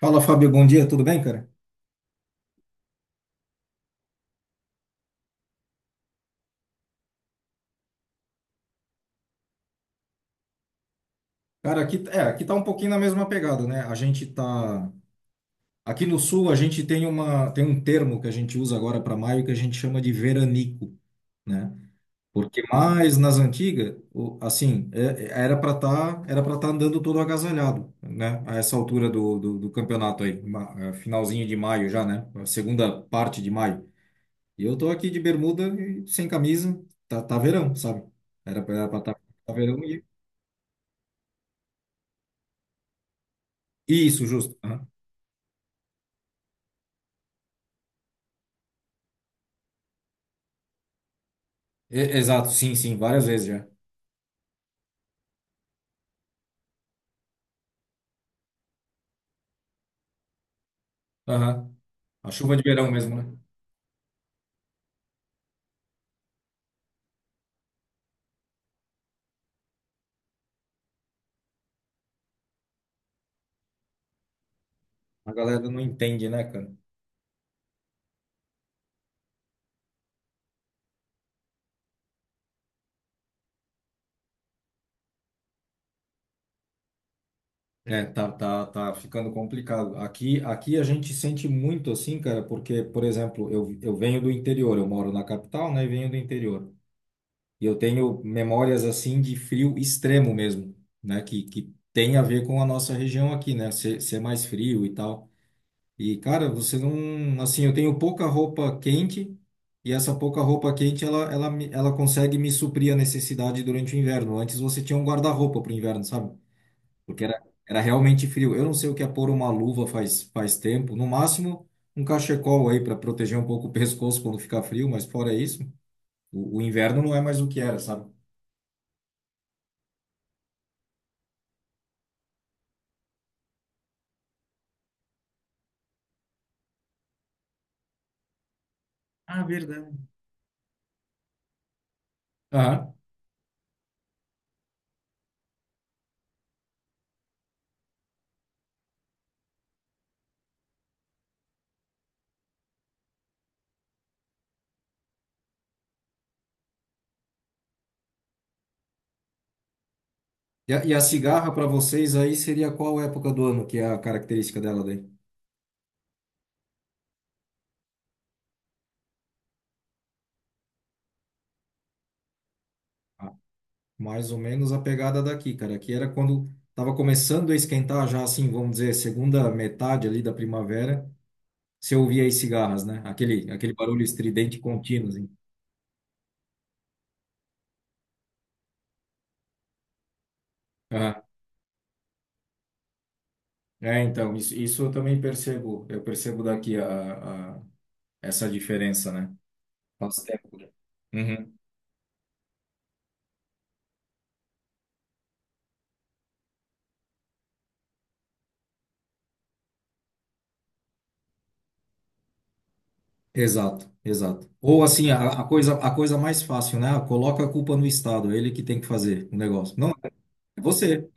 Fala, Fábio, bom dia, tudo bem, cara? Cara, aqui, aqui tá um pouquinho na mesma pegada, né? A gente tá. Aqui no sul, a gente tem tem um termo que a gente usa agora para maio que a gente chama de veranico, né? Porque mais nas antigas, assim, era para estar andando todo agasalhado, né? A essa altura do campeonato aí, finalzinho de maio já, né? A segunda parte de maio. E eu tô aqui de bermuda e sem camisa, tá verão, sabe? Era para estar tá, tá verão e. Isso, justo. Exato, sim, sim, várias vezes já. Aham. A chuva de verão mesmo, né? A galera não entende, né, cara? É, tá ficando complicado. Aqui a gente sente muito assim, cara, porque, por exemplo, eu venho do interior, eu moro na capital, né, e venho do interior. E eu tenho memórias assim de frio extremo mesmo, né, que tem a ver com a nossa região aqui, né, ser mais frio e tal. E, cara, você não. Assim, eu tenho pouca roupa quente e essa pouca roupa quente ela consegue me suprir a necessidade durante o inverno. Antes você tinha um guarda-roupa para o inverno, sabe? Porque era, era realmente frio. Eu não sei o que é pôr uma luva faz, faz tempo. No máximo, um cachecol aí para proteger um pouco o pescoço quando fica frio, mas fora isso, o inverno não é mais o que era, sabe? Ah, verdade. Aham. E a cigarra para vocês aí seria qual época do ano que é a característica dela daí? Mais ou menos a pegada daqui, cara. Aqui era quando estava começando a esquentar já, assim, vamos dizer, segunda metade ali da primavera, você ouvia as cigarras, né? Aquele barulho estridente contínuo, assim. Ah, é, então, isso eu também percebo. Eu percebo daqui essa diferença, né? Faz tempo. Né? Uhum. Exato, exato. Ou assim, a coisa mais fácil, né? Ah, coloca a culpa no Estado, é ele que tem que fazer o negócio. Não, é você.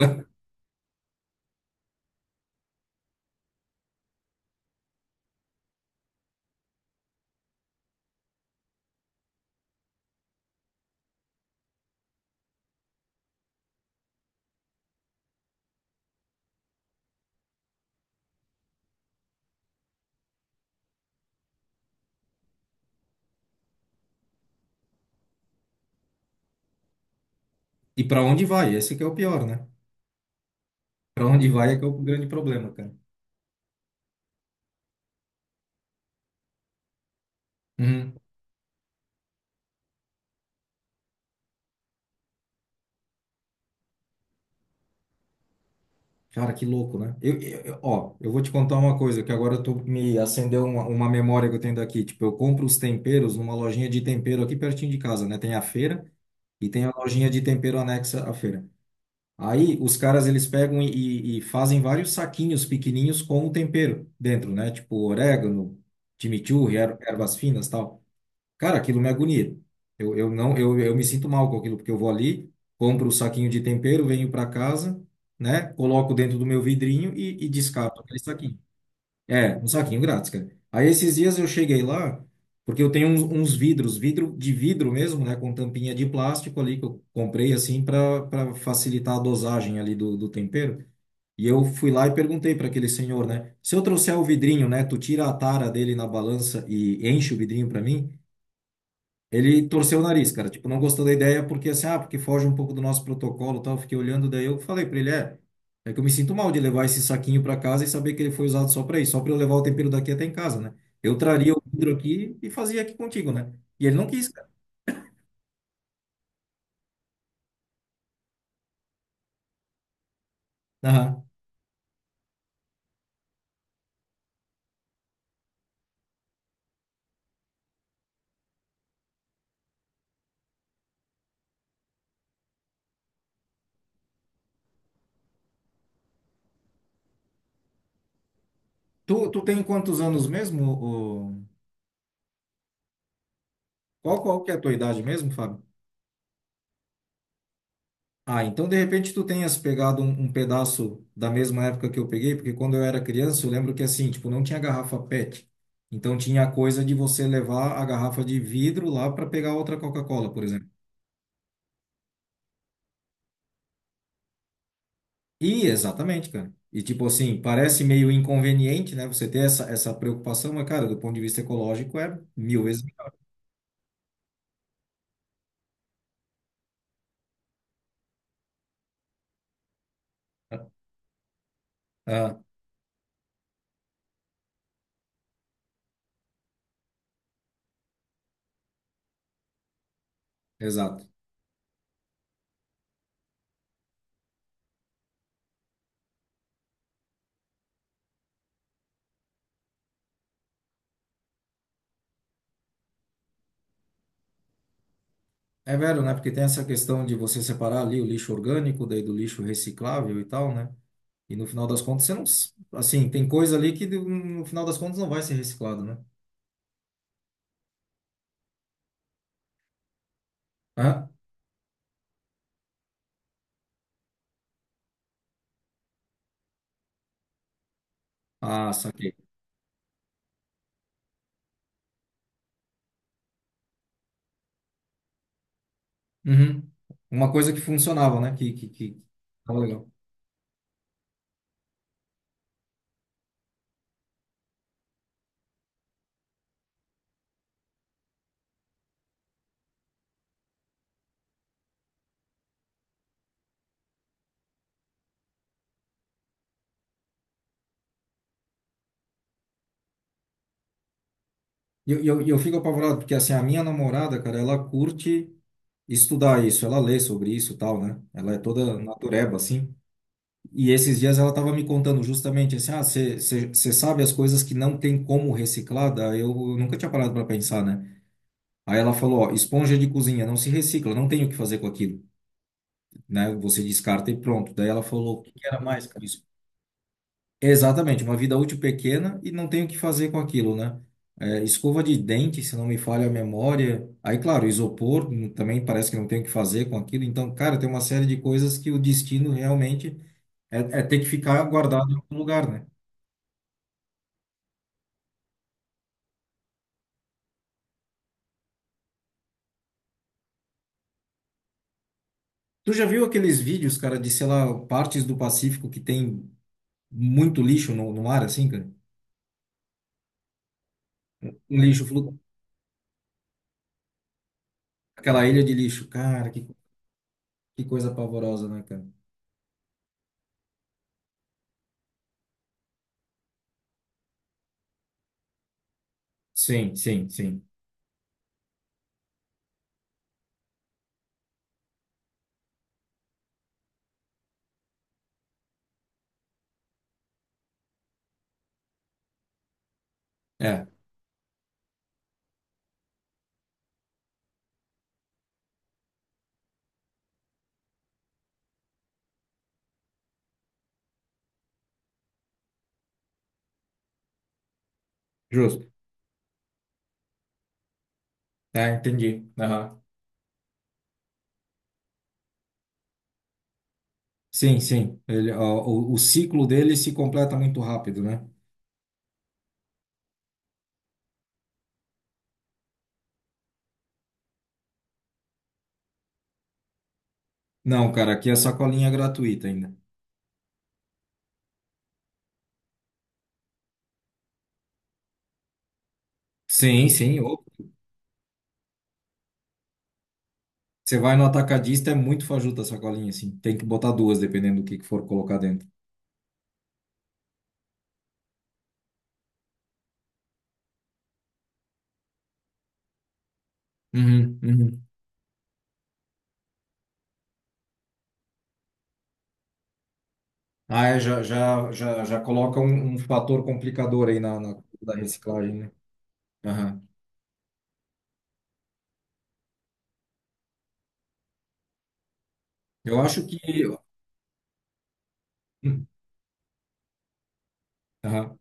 E para onde vai? Esse que é o pior, né? Pra onde vai é que é o grande problema, cara. Uhum. Cara, que louco, né? Ó, eu vou te contar uma coisa, que agora eu tô, me acendeu uma memória que eu tenho daqui. Tipo, eu compro os temperos numa lojinha de tempero aqui pertinho de casa, né? Tem a feira e tem a lojinha de tempero anexa à feira. Aí os caras, eles pegam e fazem vários saquinhos pequenininhos com o tempero dentro, né? Tipo, orégano, chimichurri, ervas finas, tal. Cara, aquilo me agonia. Eu não, eu me sinto mal com aquilo, porque eu vou ali, compro o saquinho de tempero, venho para casa, né? Coloco dentro do meu vidrinho e descarto aquele saquinho. É, um saquinho grátis, cara. Aí esses dias eu cheguei lá, porque eu tenho uns vidros, vidro de vidro mesmo, né? Com tampinha de plástico ali, que eu comprei assim para para facilitar a dosagem ali do tempero. E eu fui lá e perguntei para aquele senhor, né? Se eu trouxer o vidrinho, né? Tu tira a tara dele na balança e enche o vidrinho para mim? Ele torceu o nariz, cara. Tipo, não gostou da ideia porque assim, ah, porque foge um pouco do nosso protocolo, e tal. Eu fiquei olhando, daí eu falei pra ele, é, é que eu me sinto mal de levar esse saquinho pra casa e saber que ele foi usado só pra isso, só pra eu levar o tempero daqui até em casa, né? Eu traria o vidro aqui e fazia aqui contigo, né? E ele não quis, cara. Aham. Tu tem quantos anos mesmo? Ô, qual que é a tua idade mesmo, Fábio? Ah, então de repente tu tenhas pegado um pedaço da mesma época que eu peguei, porque quando eu era criança eu lembro que assim, tipo, não tinha garrafa PET. Então tinha a coisa de você levar a garrafa de vidro lá para pegar outra Coca-Cola, por exemplo. E exatamente, cara. E tipo assim, parece meio inconveniente, né, você ter essa preocupação, mas cara, do ponto de vista ecológico é mil vezes. Ah, exato. É velho, né? Porque tem essa questão de você separar ali o lixo orgânico, daí do lixo reciclável e tal, né? E no final das contas, você não. Assim, tem coisa ali que no final das contas não vai ser reciclado, né? Hã? Ah, saquei. Uhum. Uma coisa que funcionava, né? Que tava legal. E eu fico apavorado, porque assim, a minha namorada, cara, ela curte estudar isso, ela lê sobre isso e tal, né? Ela é toda natureba, assim. E esses dias ela tava me contando justamente assim, ah, você sabe as coisas que não tem como reciclar? Daí eu nunca tinha parado para pensar, né? Aí ela falou, ó, esponja de cozinha não se recicla, não tem o que fazer com aquilo. Né? Você descarta e pronto. Daí ela falou, o que que era mais que isso? Exatamente, uma vida útil pequena e não tem o que fazer com aquilo, né? É, escova de dente, se não me falha a memória. Aí, claro, isopor também parece que não tem o que fazer com aquilo. Então, cara, tem uma série de coisas que o destino realmente é ter que ficar guardado em algum lugar, né? Tu já viu aqueles vídeos, cara, de, sei lá, partes do Pacífico que tem muito lixo no mar, assim, cara? Um lixo, flu- aquela ilha de lixo. Cara, que coisa pavorosa, né, cara? Sim, sim, sim. É, justo. É, entendi. Aham. Sim, sim. Ele, ó, o ciclo dele se completa muito rápido, né? Não, cara, aqui é sacolinha gratuita ainda. Sim, sim. Ô. Você vai no atacadista, é muito fajuta a sacolinha, assim. Tem que botar duas, dependendo do que for colocar dentro. Uhum, uhum. Ah, é, já coloca um fator complicador aí na da reciclagem, né? Aham. Eu acho que. Uhum.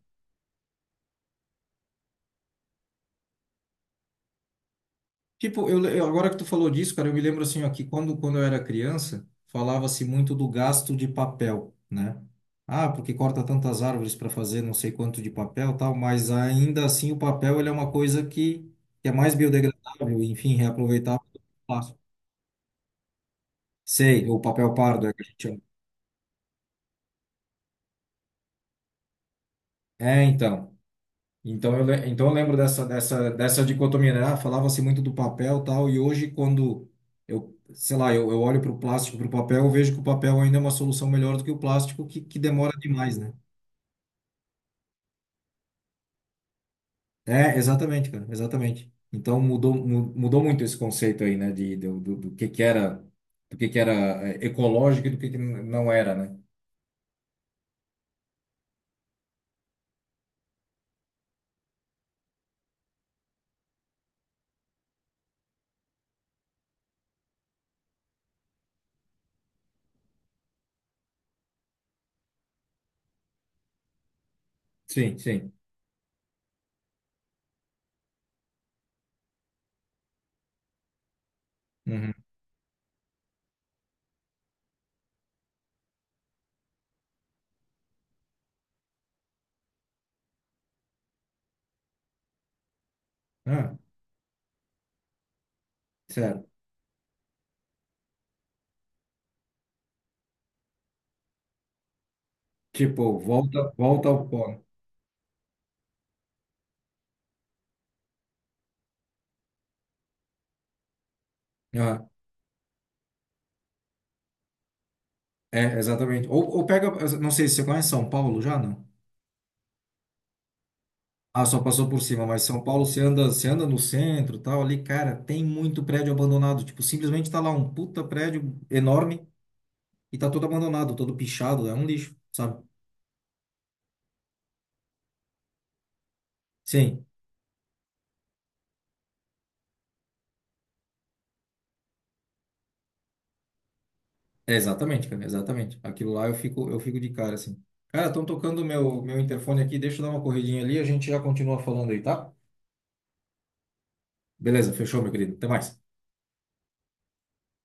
Tipo, agora que tu falou disso, cara, eu me lembro assim, ó, que quando eu era criança, falava-se muito do gasto de papel, né? Ah, porque corta tantas árvores para fazer não sei quanto de papel, tal, mas ainda assim o papel ele é uma coisa que é mais biodegradável, enfim, reaproveitável do que o plástico. Sei, o papel pardo é que a gente chama. É, então. Então eu lembro dessa, dessa dicotomia, né? Ah, falava-se muito do papel e tal, e hoje quando eu, sei lá, eu olho para o plástico, para o papel, eu vejo que o papel ainda é uma solução melhor do que o plástico, que demora demais, né? É, exatamente, cara, exatamente. Então mudou muito esse conceito aí, né? Do que era, do que era eh, ecológico e do que não era, né? Sim, sim. Uhum. Ah, certo. Tipo, volta ao pó. É, exatamente. Ou pega, não sei se você conhece São Paulo já, não? Ah, só passou por cima, mas São Paulo, você anda no centro, tal, ali, cara, tem muito prédio abandonado. Tipo, simplesmente tá lá um puta prédio enorme e tá todo abandonado, todo pichado, é um lixo, sabe? Sim, é exatamente, cara, exatamente. Aquilo lá eu fico de cara, assim. Cara, estão tocando meu, meu interfone aqui, deixa eu dar uma corridinha ali, a gente já continua falando aí, tá? Beleza, fechou, meu querido. Até mais.